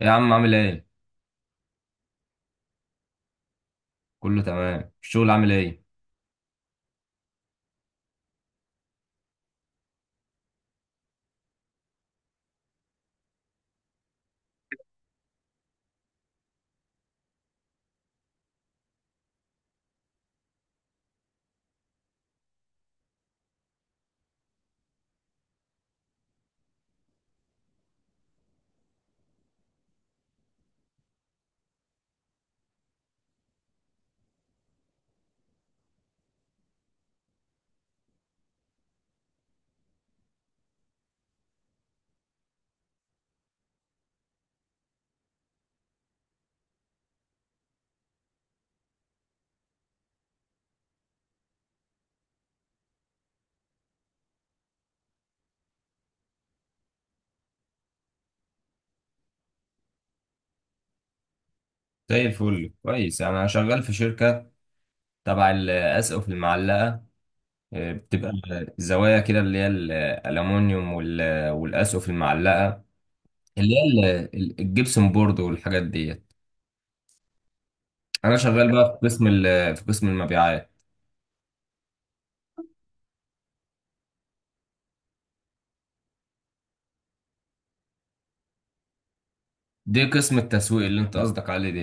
يا عم عامل ايه؟ كله تمام، الشغل عامل ايه؟ زي الفل، كويس، انا شغال في شركة تبع الاسقف المعلقة. بتبقى زوايا كده اللي هي الالومنيوم والاسقف المعلقة اللي هي الجبسون بورد والحاجات ديت. انا شغال بقى في في قسم المبيعات. دي قسم التسويق اللي انت قصدك عليه دي.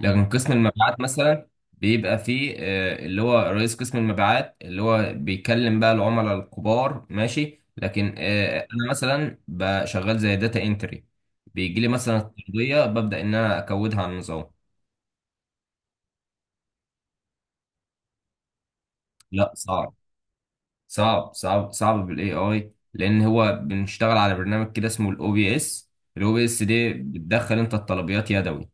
مم. لكن قسم المبيعات مثلا بيبقى فيه اللي هو رئيس قسم المبيعات اللي هو بيكلم بقى العملاء الكبار، ماشي، لكن انا مثلا بشغال زي داتا انتري. بيجي لي مثلا التغطية ببدأ ان انا اكودها على النظام. لا، صعب. صعب بالاي اي، لان هو بنشتغل على برنامج كده اسمه الاو بي اس. الاو بي اس دي بتدخل انت الطلبيات يدوي.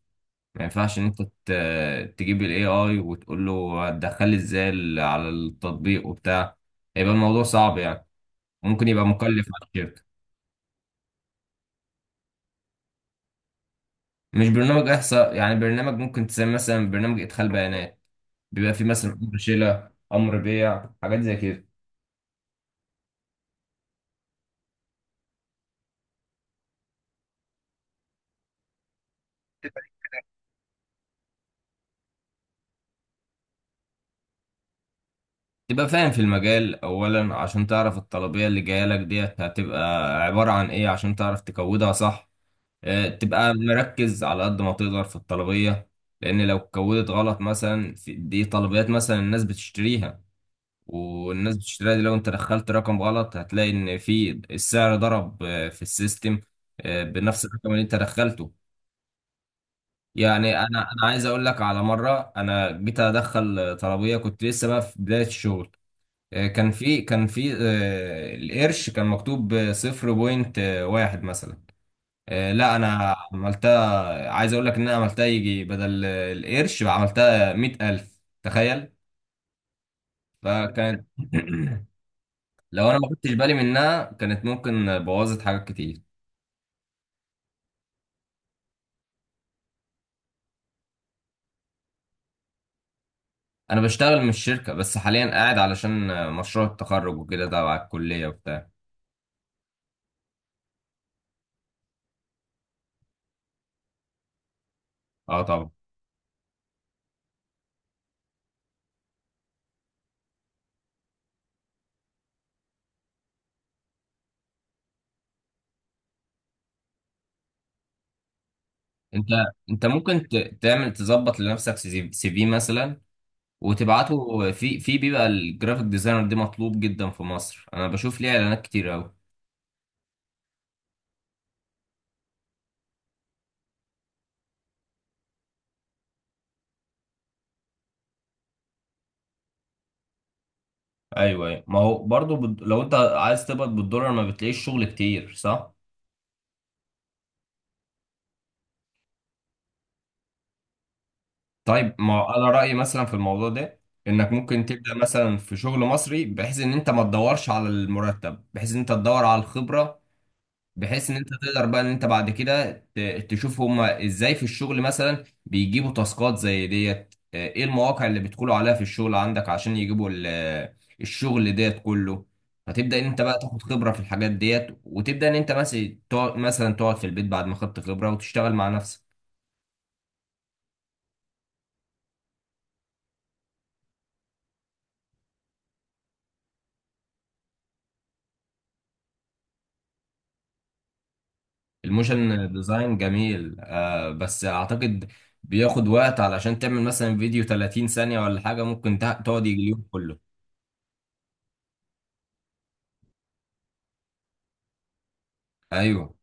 ما ينفعش ان انت تجيب الاي اي وتقول له هتدخل لي ازاي على التطبيق وبتاع. هيبقى الموضوع صعب يعني، ممكن يبقى مكلف على الشركه. مش برنامج احصاء، يعني برنامج ممكن تسمي مثلا برنامج ادخال بيانات. بيبقى فيه مثلا امر شيله، امر بيع، حاجات زي كده. تبقى فاهم في المجال اولا عشان تعرف الطلبيه اللي جايه لك ديت هتبقى عباره عن ايه عشان تعرف تكودها صح. تبقى مركز على قد ما تقدر في الطلبية. لأن لو اتكودت غلط مثلا، في دي طلبيات مثلا الناس بتشتريها، والناس بتشتريها دي لو انت دخلت رقم غلط هتلاقي ان في السعر ضرب في السيستم بنفس الرقم اللي انت دخلته. يعني انا عايز اقول لك على مرة انا جيت ادخل طلبية، كنت لسه بقى في بداية الشغل. كان في القرش كان مكتوب صفر بوينت واحد مثلا. لا، انا عملتها، عايز اقول لك ان انا عملتها يجي بدل القرش عملتها مئة الف، تخيل. فكانت لو انا ما خدتش بالي منها كانت ممكن بوظت حاجات كتير. انا بشتغل من الشركة بس حاليا قاعد علشان مشروع التخرج وكده تبع الكلية وبتاع. اه، طبعا. انت انت ممكن تعمل تظبط لنفسك سي في مثلا وتبعته في بيبقى الجرافيك ديزاينر دي مطلوب جدا في مصر، انا بشوف ليه اعلانات كتير. ايوه، أيوة. ما هو برضو لو انت عايز تقبض بالدولار ما بتلاقيش شغل كتير، صح؟ طيب، ما هو انا رايي مثلا في الموضوع ده انك ممكن تبدا مثلا في شغل مصري بحيث ان انت ما تدورش على المرتب، بحيث ان انت تدور على الخبره، بحيث ان انت تقدر بقى ان انت بعد كده تشوف هما ازاي في الشغل مثلا بيجيبوا تاسكات زي ديت. ايه المواقع اللي بيدخلوا عليها في الشغل عندك عشان يجيبوا الشغل ديت كله. فتبدأ ان انت بقى تاخد خبرة في الحاجات ديت، وتبدأ ان انت مثلا تقعد مثلا تقعد في البيت بعد ما خدت خبرة وتشتغل مع نفسك. الموشن ديزاين جميل، آه، بس اعتقد بياخد وقت. علشان تعمل مثلا فيديو 30 ثانية ولا حاجة ممكن تقعد يجي اليوم كله. ايوه.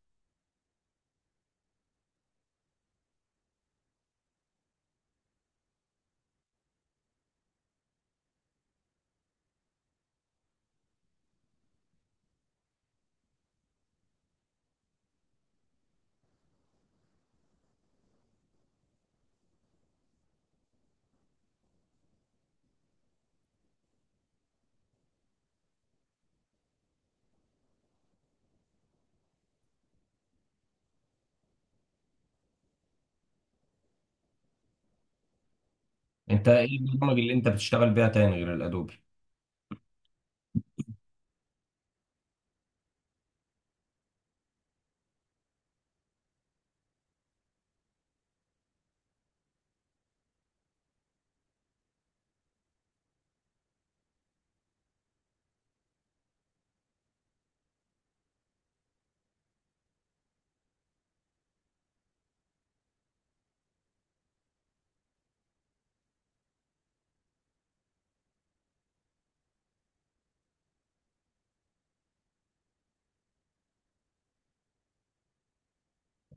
انت ايه البرامج اللي انت بتشتغل بيها تاني غير الادوبي؟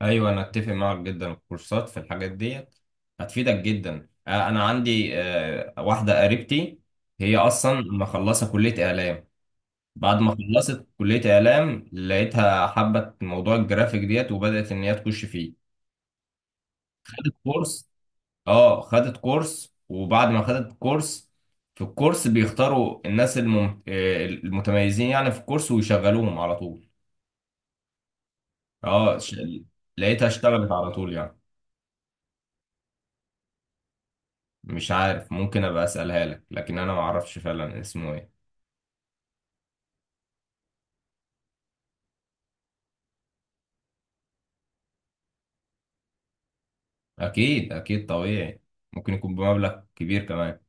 ايوه، انا اتفق معاك جدا، الكورسات في الحاجات ديت هتفيدك جدا. انا عندي واحده قريبتي هي اصلا مخلصه كليه اعلام. بعد ما خلصت كليه اعلام لقيتها حبت موضوع الجرافيك ديت وبدات ان هي تخش فيه. خدت كورس. اه، خدت كورس، وبعد ما خدت كورس، في الكورس بيختاروا الناس المتميزين يعني في الكورس ويشغلوهم على طول. اه، لقيتها اشتغلت على طول يعني. مش عارف، ممكن ابقى اسالها لك، لكن انا ما اعرفش فعلا اسمه ايه. اكيد، اكيد، طبيعي. ممكن يكون بمبلغ كبير كمان.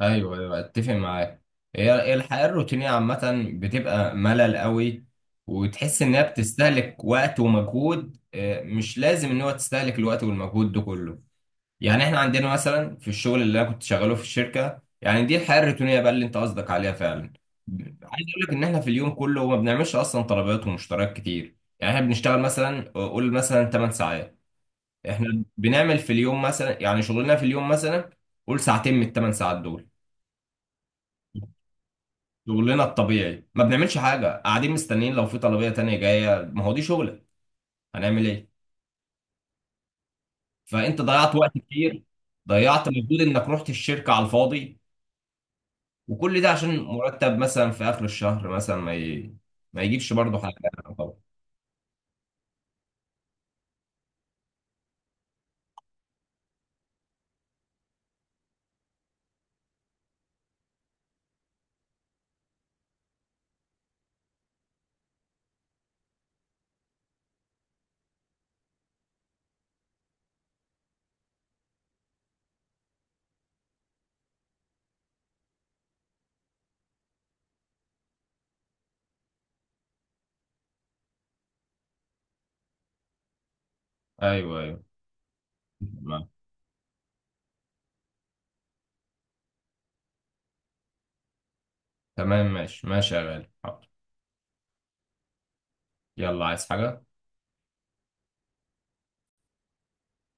ايوه، ايوه، اتفق معاك. هي الحياه الروتينيه عامه بتبقى ملل قوي، وتحس انها بتستهلك وقت ومجهود. مش لازم ان هو تستهلك الوقت والمجهود ده كله. يعني احنا عندنا مثلا في الشغل اللي انا كنت شغاله في الشركه، يعني دي الحياه الروتينيه بقى اللي انت قصدك عليها فعلا. عايز اقول لك ان احنا في اليوم كله ما بنعملش اصلا طلبات ومشتريات كتير. يعني احنا بنشتغل مثلا قول مثلا 8 ساعات. احنا بنعمل في اليوم مثلا، يعني شغلنا في اليوم مثلا قول ساعتين من الثمان ساعات دول. شغلنا الطبيعي ما بنعملش حاجه، قاعدين مستنيين لو في طلبيه تانية جايه. ما هو دي شغلك، هنعمل ايه؟ فانت ضيعت وقت كتير، ضيعت مجهود انك رحت الشركه على الفاضي. وكل ده عشان مرتب مثلا في اخر الشهر مثلا ما يجيبش برضه حاجه. طبعا. ايوه، ايوه. تمام، ماشي، ماشي يا غالي، حاضر. يلا، عايز حاجه؟